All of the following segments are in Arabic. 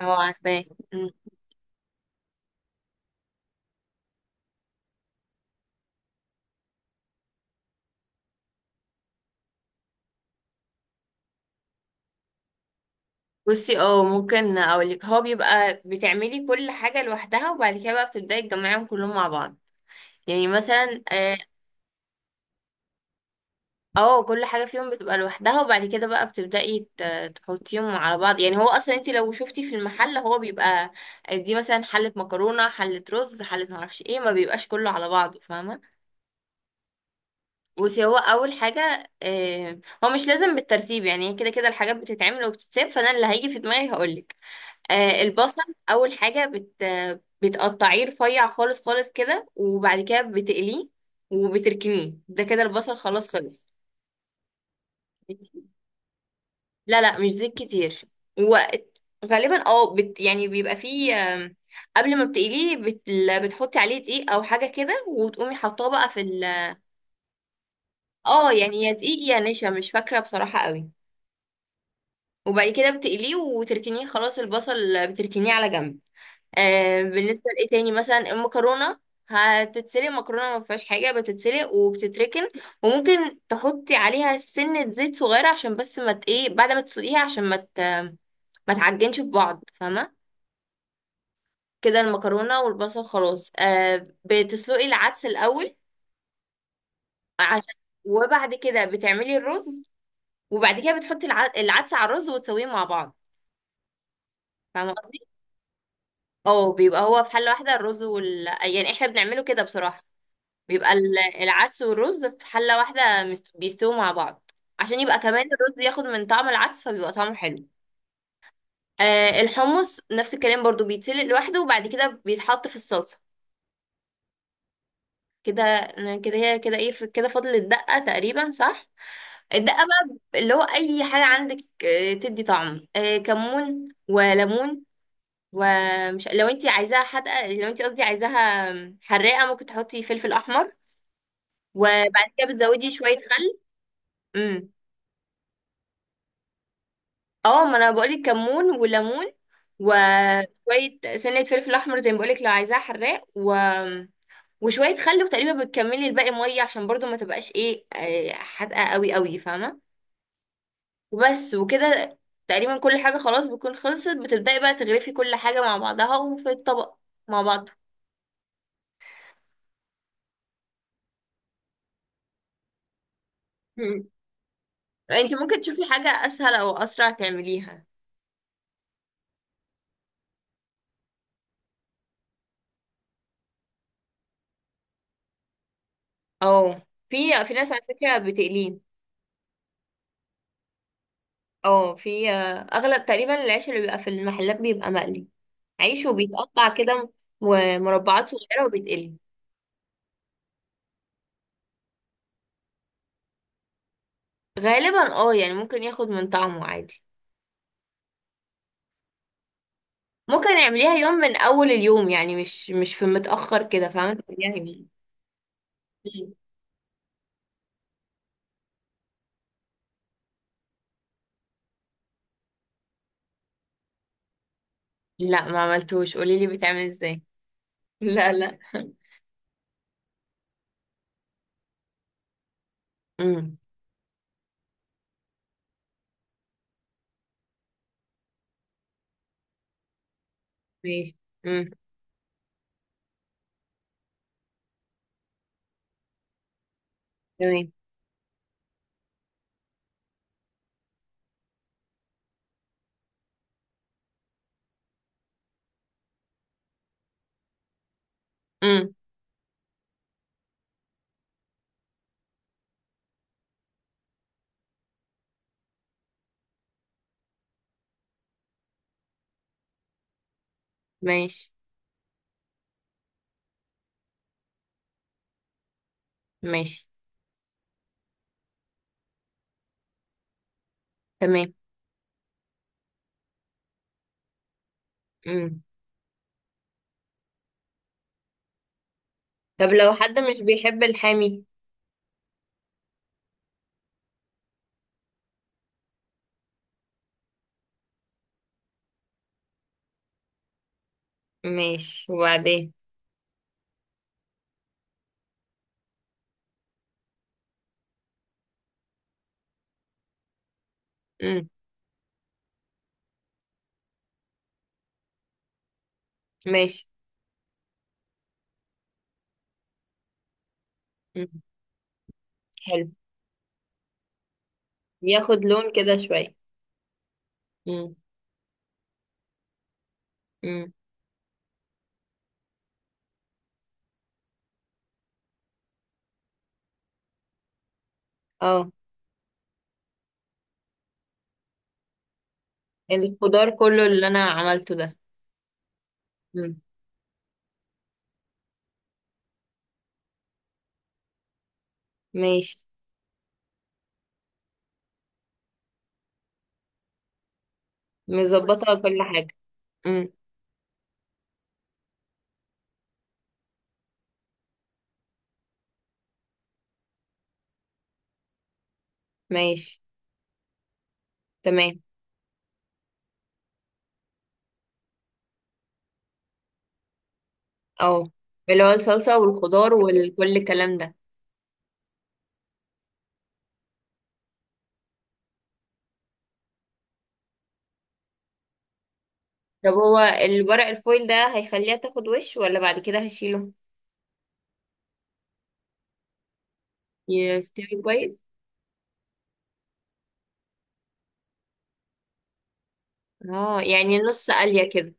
اه، عارفاه. مم. بصي، اه ممكن اقولك، هو بيبقى بتعملي كل حاجة لوحدها وبعد كده بقى بتبدأي تجمعيهم كلهم مع بعض. يعني مثلا كل حاجة فيهم بتبقى لوحدها وبعد كده بقى تحطيهم على بعض. يعني هو اصلا انت لو شفتي في المحل، هو بيبقى دي مثلا حلة مكرونة، حلة رز، حلة معرفش ايه، ما بيبقاش كله على بعضه، فاهمة. بصي هو اول حاجة، آه، هو مش لازم بالترتيب، يعني كده كده الحاجات بتتعمل وبتتساب، فانا اللي هيجي في دماغي هقولك. آه، البصل اول حاجه، بتقطعيه رفيع خالص خالص كده وبعد كده بتقليه وبتركنيه، ده كده البصل خلاص خلص. لا، مش زيت كتير. وغالبا اه بت يعني بيبقى فيه قبل ما بتقليه بتحطي عليه دقيق او حاجه كده، وتقومي حاطاه بقى في ال... اه يعني يا دقيق يا نشا، مش فاكره بصراحه قوي. وبعد كده بتقليه وتركنيه خلاص، البصل بتركنيه على جنب. آه، بالنسبة لإيه تاني، مثلا المكرونة هتتسلق، مكرونة ما فيهاش حاجة، بتتسلق وبتتركن. وممكن تحطي عليها سنة زيت صغيرة عشان بس ما ت- ايه بعد ما تسلقيها عشان ما تعجنش في بعض، فاهمة. كده المكرونة والبصل خلاص. آه، بتسلقي العدس الأول عشان... وبعد كده بتعملي الرز، وبعد كده بتحطي العدس على الرز وتسويه مع بعض. فاهمة قصدي؟ اه، بيبقى هو في حلة واحدة، الرز وال... يعني احنا بنعمله كده بصراحة، بيبقى العدس والرز في حلة واحدة بيستووا مع بعض، عشان يبقى كمان الرز ياخد من طعم العدس، فبيبقى طعمه حلو. آه، الحمص نفس الكلام برضو، بيتسلق لوحده وبعد كده بيتحط في الصلصة. كده. كده هي كده، ايه كده فاضل الدقة تقريبا، صح. الدقة بقى، اللي هو اي حاجة عندك آه، تدي طعم، آه كمون وليمون. لو انت عايزاها حادقة، لو انت قصدي عايزاها حراقة، ممكن تحطي فلفل احمر، وبعد كده بتزودي شوية خل. امم، اه ما انا بقولك كمون وليمون. وشوية سنة فلفل احمر زي ما بقولك لو عايزاها حراق و... وشوية خل، وتقريبا بتكملي الباقي مية، عشان برضو ما تبقاش ايه آه، حادقة قوي قوي، فاهمة. وبس وكده، تقريبا كل حاجة خلاص بتكون خلصت، بتبدأي بقى تغرفي كل حاجة مع بعضها وفي الطبق مع بعض. مم. انت ممكن تشوفي حاجة اسهل او اسرع تعمليها. اه، في ناس على فكرة بتقليه. اه، في آه، اغلب تقريبا العيش اللي بيبقى في المحلات بيبقى مقلي، عيش وبيتقطع كده مربعات صغيرة وبيتقلي. غالبا اه، يعني ممكن ياخد من طعمه عادي. ممكن نعمليها يوم من اول اليوم، يعني مش في متأخر كده، فاهمة، تعمليها يوم. مم. لا، ما عملتوش، قوليلي بيتعمل ازاي. لا، امم. ماشي. امم. تمام. امم. ماشي. ماشي. تمام. امم. طب لو حد مش بيحب الحامي. ماشي، وبعدين. امم. ماشي. امم. حلو، ياخد لون كده شوية. امم. امم. اه، الخضار كله اللي انا عملته ده. مم. ماشي. مظبطة بس كل حاجة. مم. ماشي. تمام. اه، اللي هو الصلصة والخضار وكل الكلام ده. طب هو الورق الفويل ده هيخليها تاخد وش، ولا بعد كده هشيله؟ يستوي كويس. اه، يعني نص قلية كده.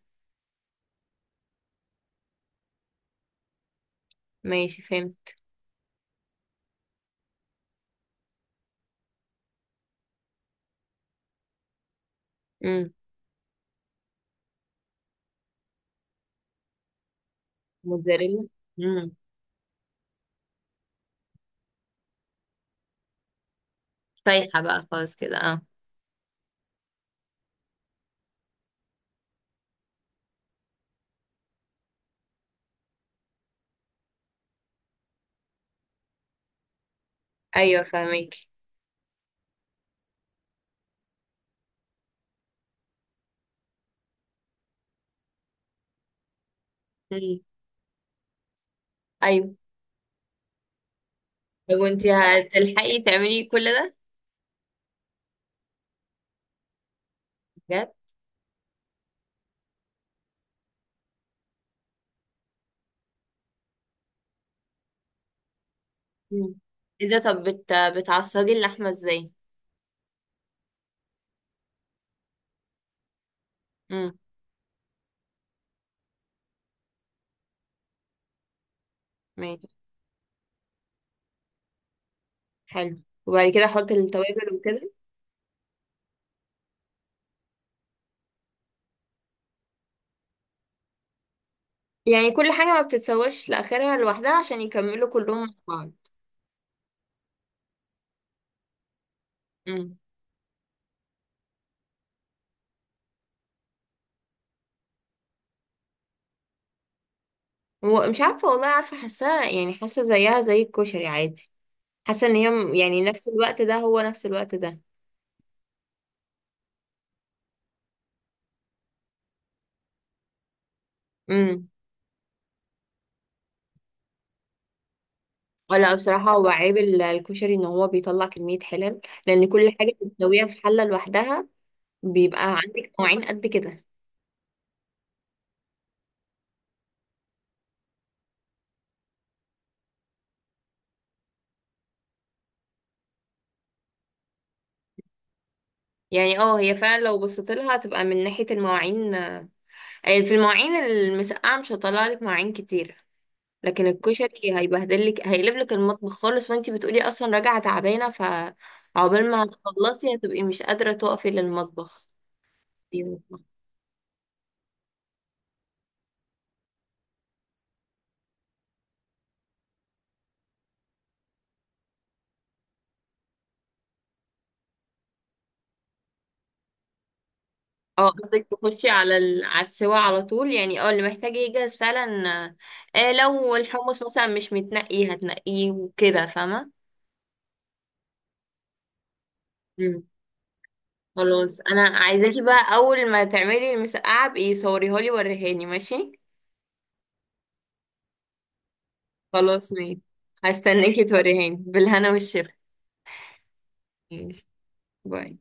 ماشي، فهمت. امم. موتزاريلا. امم. سايحة بقى خالص كده، اه. ايوه، فهمك. امم. ايوه. طب وانتي هتلحقي تعملي كل ده بجد؟ مم. ايه ده، طب بت... بتعصجي اللحمة ازاي؟ امم. ماشي، حلو، وبعد كده احط التوابل وكده. يعني كل حاجة ما بتتسواش لآخرها لوحدها عشان يكملوا كلهم مع بعض. امم. ومش عارفة والله، عارفة، حاساها يعني، حاسة زيها زي الكشري عادي. حاسة ان هي يعني نفس الوقت ده هو نفس الوقت ده. امم. ولا بصراحة هو عيب الكشري، ان هو بيطلع كمية حلل، لان كل حاجة بتسويها في حلة لوحدها، بيبقى عندك نوعين قد كده. يعني اه، هي فعلا لو بصيت لها هتبقى من ناحية المواعين آه، في المواعين المسقعة مش هطلع لك مواعين كتير، لكن الكشري هيبهدل لك، هيقلب لك المطبخ خالص. وانتي بتقولي اصلا راجعة تعبانة، فعقبال ما هتخلصي هتبقي مش قادرة تقفي للمطبخ. اه، قصدك تخشي على ال... على السوا على طول، يعني اه اللي محتاج يجهز فعلا. آه، لو الحمص مثلا مش متنقي هتنقيه وكده، فاهمة. خلاص، انا عايزاكي بقى اول ما تعملي المسقعه بقي صوريها لي، وريهاني، ماشي. خلاص، ماشي. هستناكي توريهاني، بالهنا والشفا. ماشي، باي.